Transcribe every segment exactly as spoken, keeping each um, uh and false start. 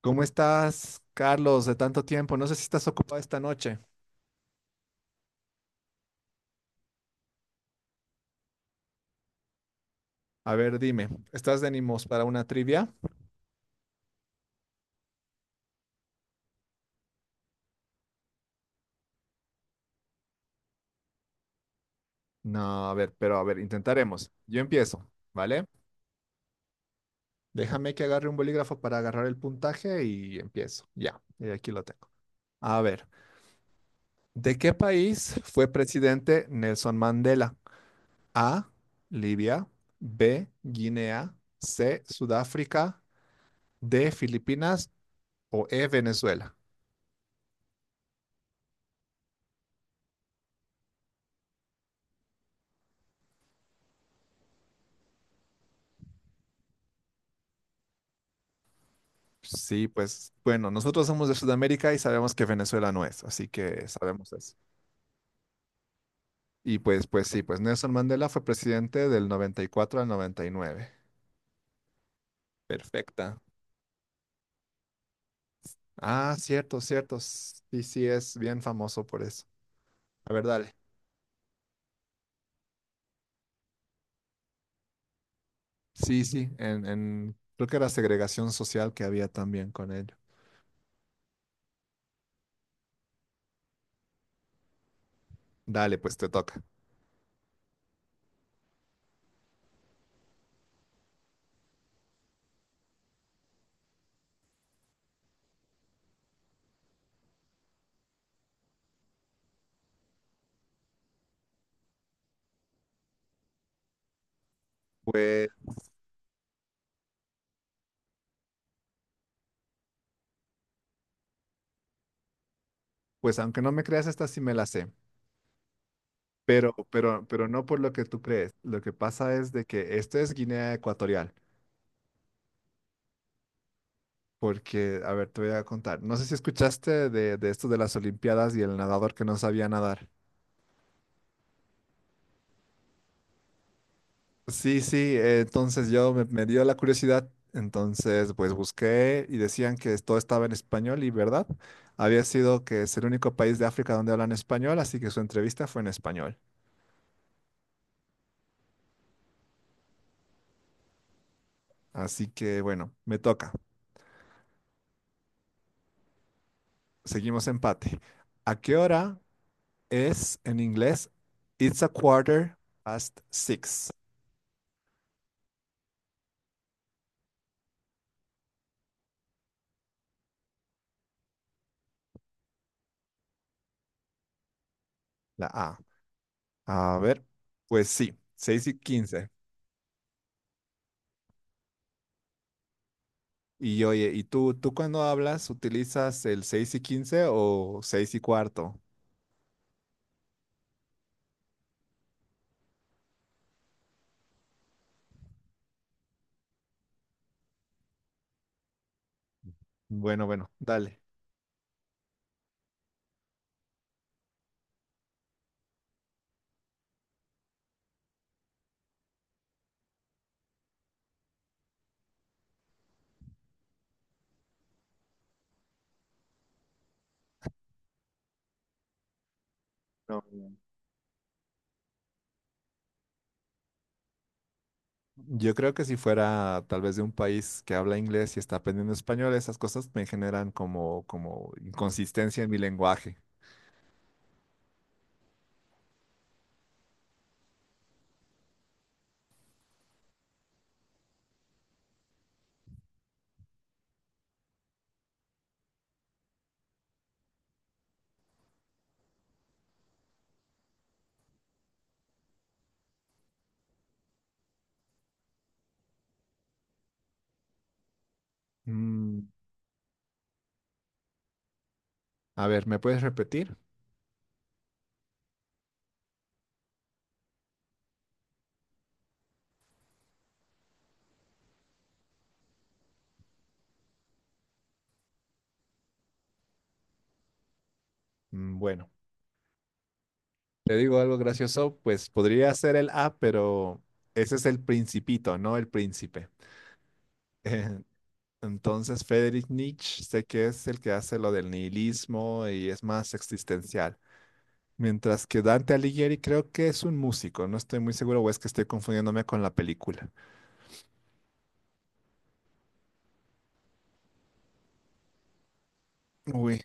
¿Cómo estás, Carlos, de tanto tiempo? No sé si estás ocupado esta noche. A ver, dime, ¿estás de ánimos para una trivia? No, a ver, pero a ver, intentaremos. Yo empiezo, ¿vale? Déjame que agarre un bolígrafo para agarrar el puntaje y empiezo. Ya, y aquí lo tengo. A ver, ¿de qué país fue presidente Nelson Mandela? A, Libia, B, Guinea, C, Sudáfrica, D, Filipinas o E, Venezuela. Sí, pues bueno, nosotros somos de Sudamérica y sabemos que Venezuela no es, así que sabemos eso. Y pues, pues sí, pues Nelson Mandela fue presidente del noventa y cuatro al noventa y nueve. Perfecta. Ah, cierto, cierto. Sí, sí, es bien famoso por eso. A ver, dale. Sí, sí, en, en- creo que era segregación social que había también con ello. Dale, pues te toca. Pues, pues aunque no me creas, esta sí me la sé. Pero, pero, pero no por lo que tú crees. Lo que pasa es de que esto es Guinea Ecuatorial. Porque, a ver, te voy a contar. No sé si escuchaste de, de esto de las Olimpiadas y el nadador que no sabía nadar. Sí, sí, eh, entonces yo me, me dio la curiosidad, entonces pues busqué y decían que todo estaba en español y verdad, había sido que es el único país de África donde hablan español, así que su entrevista fue en español. Así que bueno, me toca. Seguimos empate. ¿A qué hora es en inglés? It's a quarter past six, la A. A ver, pues sí, seis y quince. Y oye, ¿y tú, tú cuando hablas utilizas el seis y quince o seis y cuarto? Bueno, bueno, dale. No, yo creo que si fuera tal vez de un país que habla inglés y está aprendiendo español, esas cosas me generan como, como inconsistencia en mi lenguaje. Mm, a ver, ¿me puedes repetir? Mm, bueno, te digo algo gracioso, pues podría ser el A, pero ese es el principito, no el príncipe. Entonces, Friedrich Nietzsche sé que es el que hace lo del nihilismo y es más existencial. Mientras que Dante Alighieri creo que es un músico, no estoy muy seguro o es que estoy confundiéndome con la película. Uy,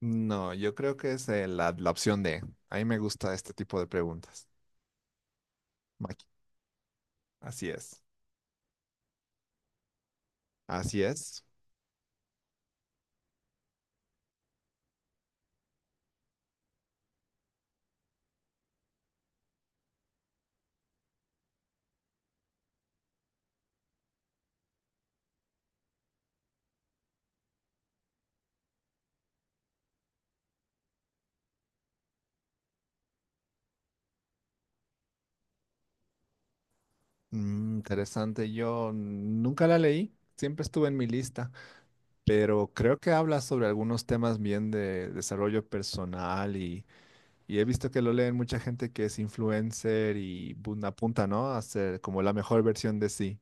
no, yo creo que es eh, la, la opción D. A mí me gusta este tipo de preguntas. Maki. Así es, así es. Mm, interesante, yo nunca la leí, siempre estuve en mi lista, pero creo que habla sobre algunos temas bien de desarrollo personal. y Y he visto que lo leen mucha gente que es influencer y bun- apunta, ¿no? A ser como la mejor versión de sí.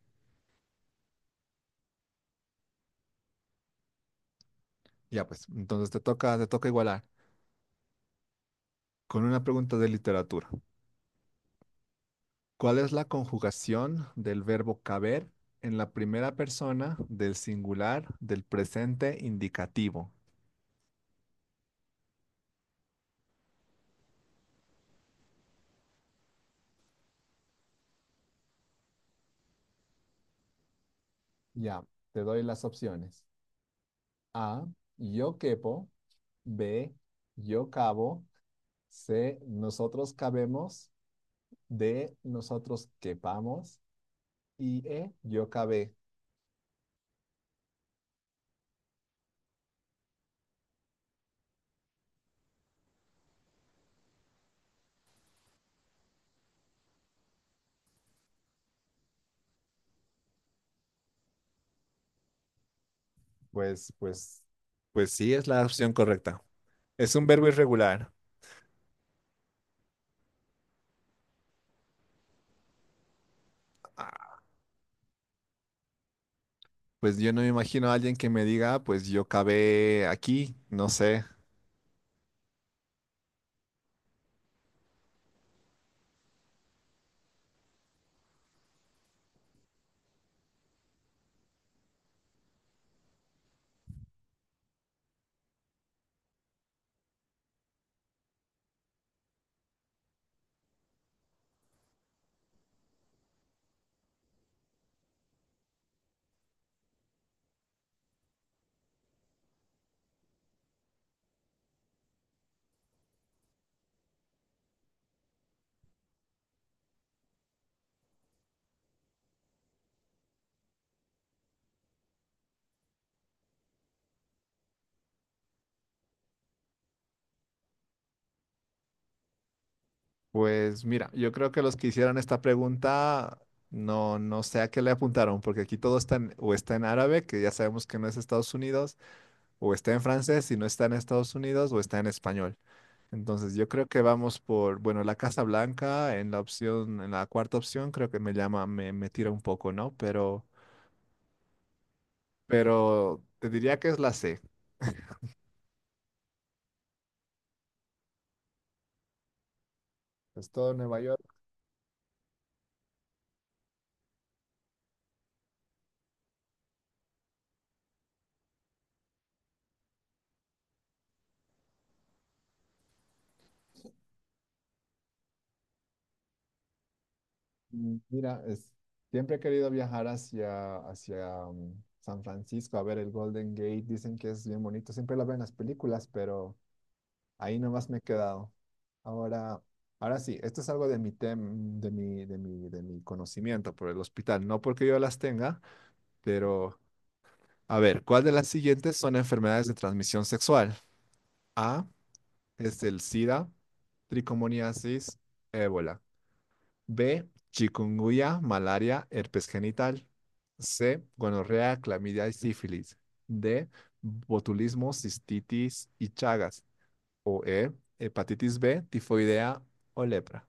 Ya pues, entonces te toca, te toca igualar. Con una pregunta de literatura. ¿Cuál es la conjugación del verbo caber en la primera persona del singular del presente indicativo? Ya, te doy las opciones. A, yo quepo. B, yo cabo. C, nosotros cabemos. D, nosotros quepamos. Y E, yo cabé. Pues, pues, pues sí, es la opción correcta. Es un verbo irregular. Ah, pues yo no me imagino a alguien que me diga, "Ah, pues yo cabé aquí, no sé." Pues mira, yo creo que los que hicieron esta pregunta no, no sé a qué le apuntaron, porque aquí todo está en, o está en árabe, que ya sabemos que no es Estados Unidos, o está en francés si no está en Estados Unidos, o está en español. Entonces, yo creo que vamos por, bueno, la Casa Blanca en la opción, en la cuarta opción, creo que me llama, me, me tira un poco, ¿no? Pero, pero te diría que es la C. Es todo Nueva York. Mm, mira, es, siempre he querido viajar hacia, hacia mm, San Francisco a ver el Golden Gate. Dicen que es bien bonito. Siempre lo veo en las películas, pero ahí nomás me he quedado. Ahora, ahora sí, esto es algo de mi tem, de mi, de mi, de mi conocimiento por el hospital. No porque yo las tenga, pero a ver, ¿cuál de las siguientes son enfermedades de transmisión sexual? A es el SIDA, tricomoniasis, ébola. B, chikungunya, malaria, herpes genital. C, gonorrea, clamidia y sífilis. D, botulismo, cistitis y chagas. O E, hepatitis B, tifoidea o lepra.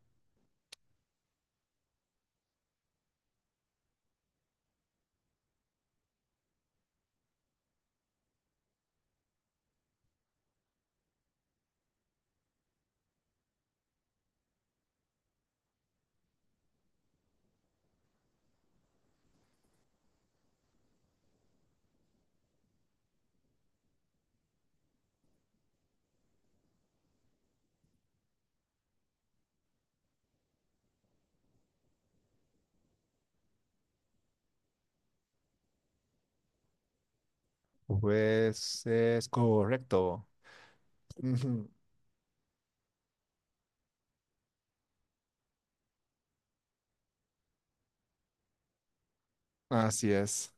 Pues es correcto. Ujú, así es.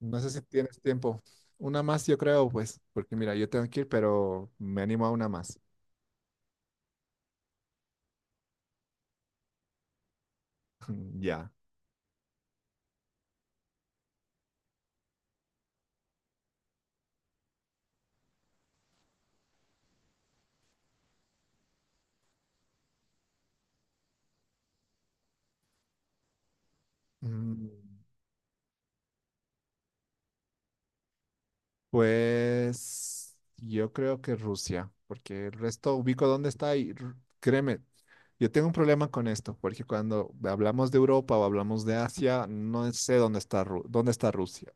No sé si tienes tiempo. Una más, yo creo, pues, porque mira, yo tengo que ir, pero me animo a una más. Ya. Mm, pues yo creo que Rusia, porque el resto ubico dónde está y r- créeme, yo tengo un problema con esto, porque cuando hablamos de Europa o hablamos de Asia, no sé dónde está, Ru- dónde está Rusia.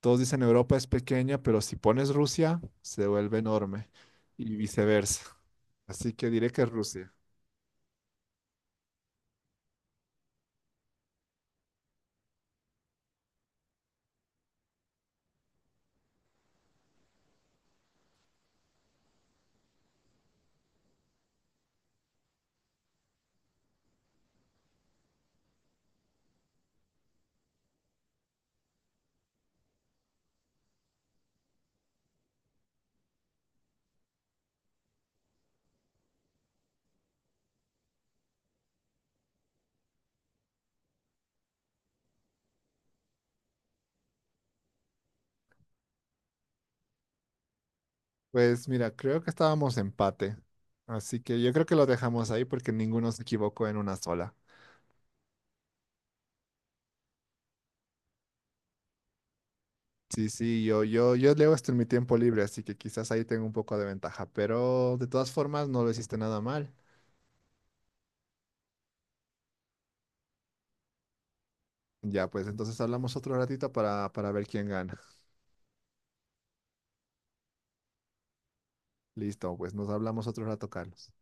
Todos dicen Europa es pequeña, pero si pones Rusia, se vuelve enorme y viceversa. Así que diré que es Rusia. Pues mira, creo que estábamos empate. Así que yo creo que lo dejamos ahí porque ninguno se equivocó en una sola. Sí, sí, yo, yo, yo leo esto en mi tiempo libre, así que quizás ahí tengo un poco de ventaja. Pero de todas formas, no lo hiciste nada mal. Ya, pues entonces hablamos otro ratito para, para ver quién gana. Listo, pues nos hablamos otro rato, Carlos.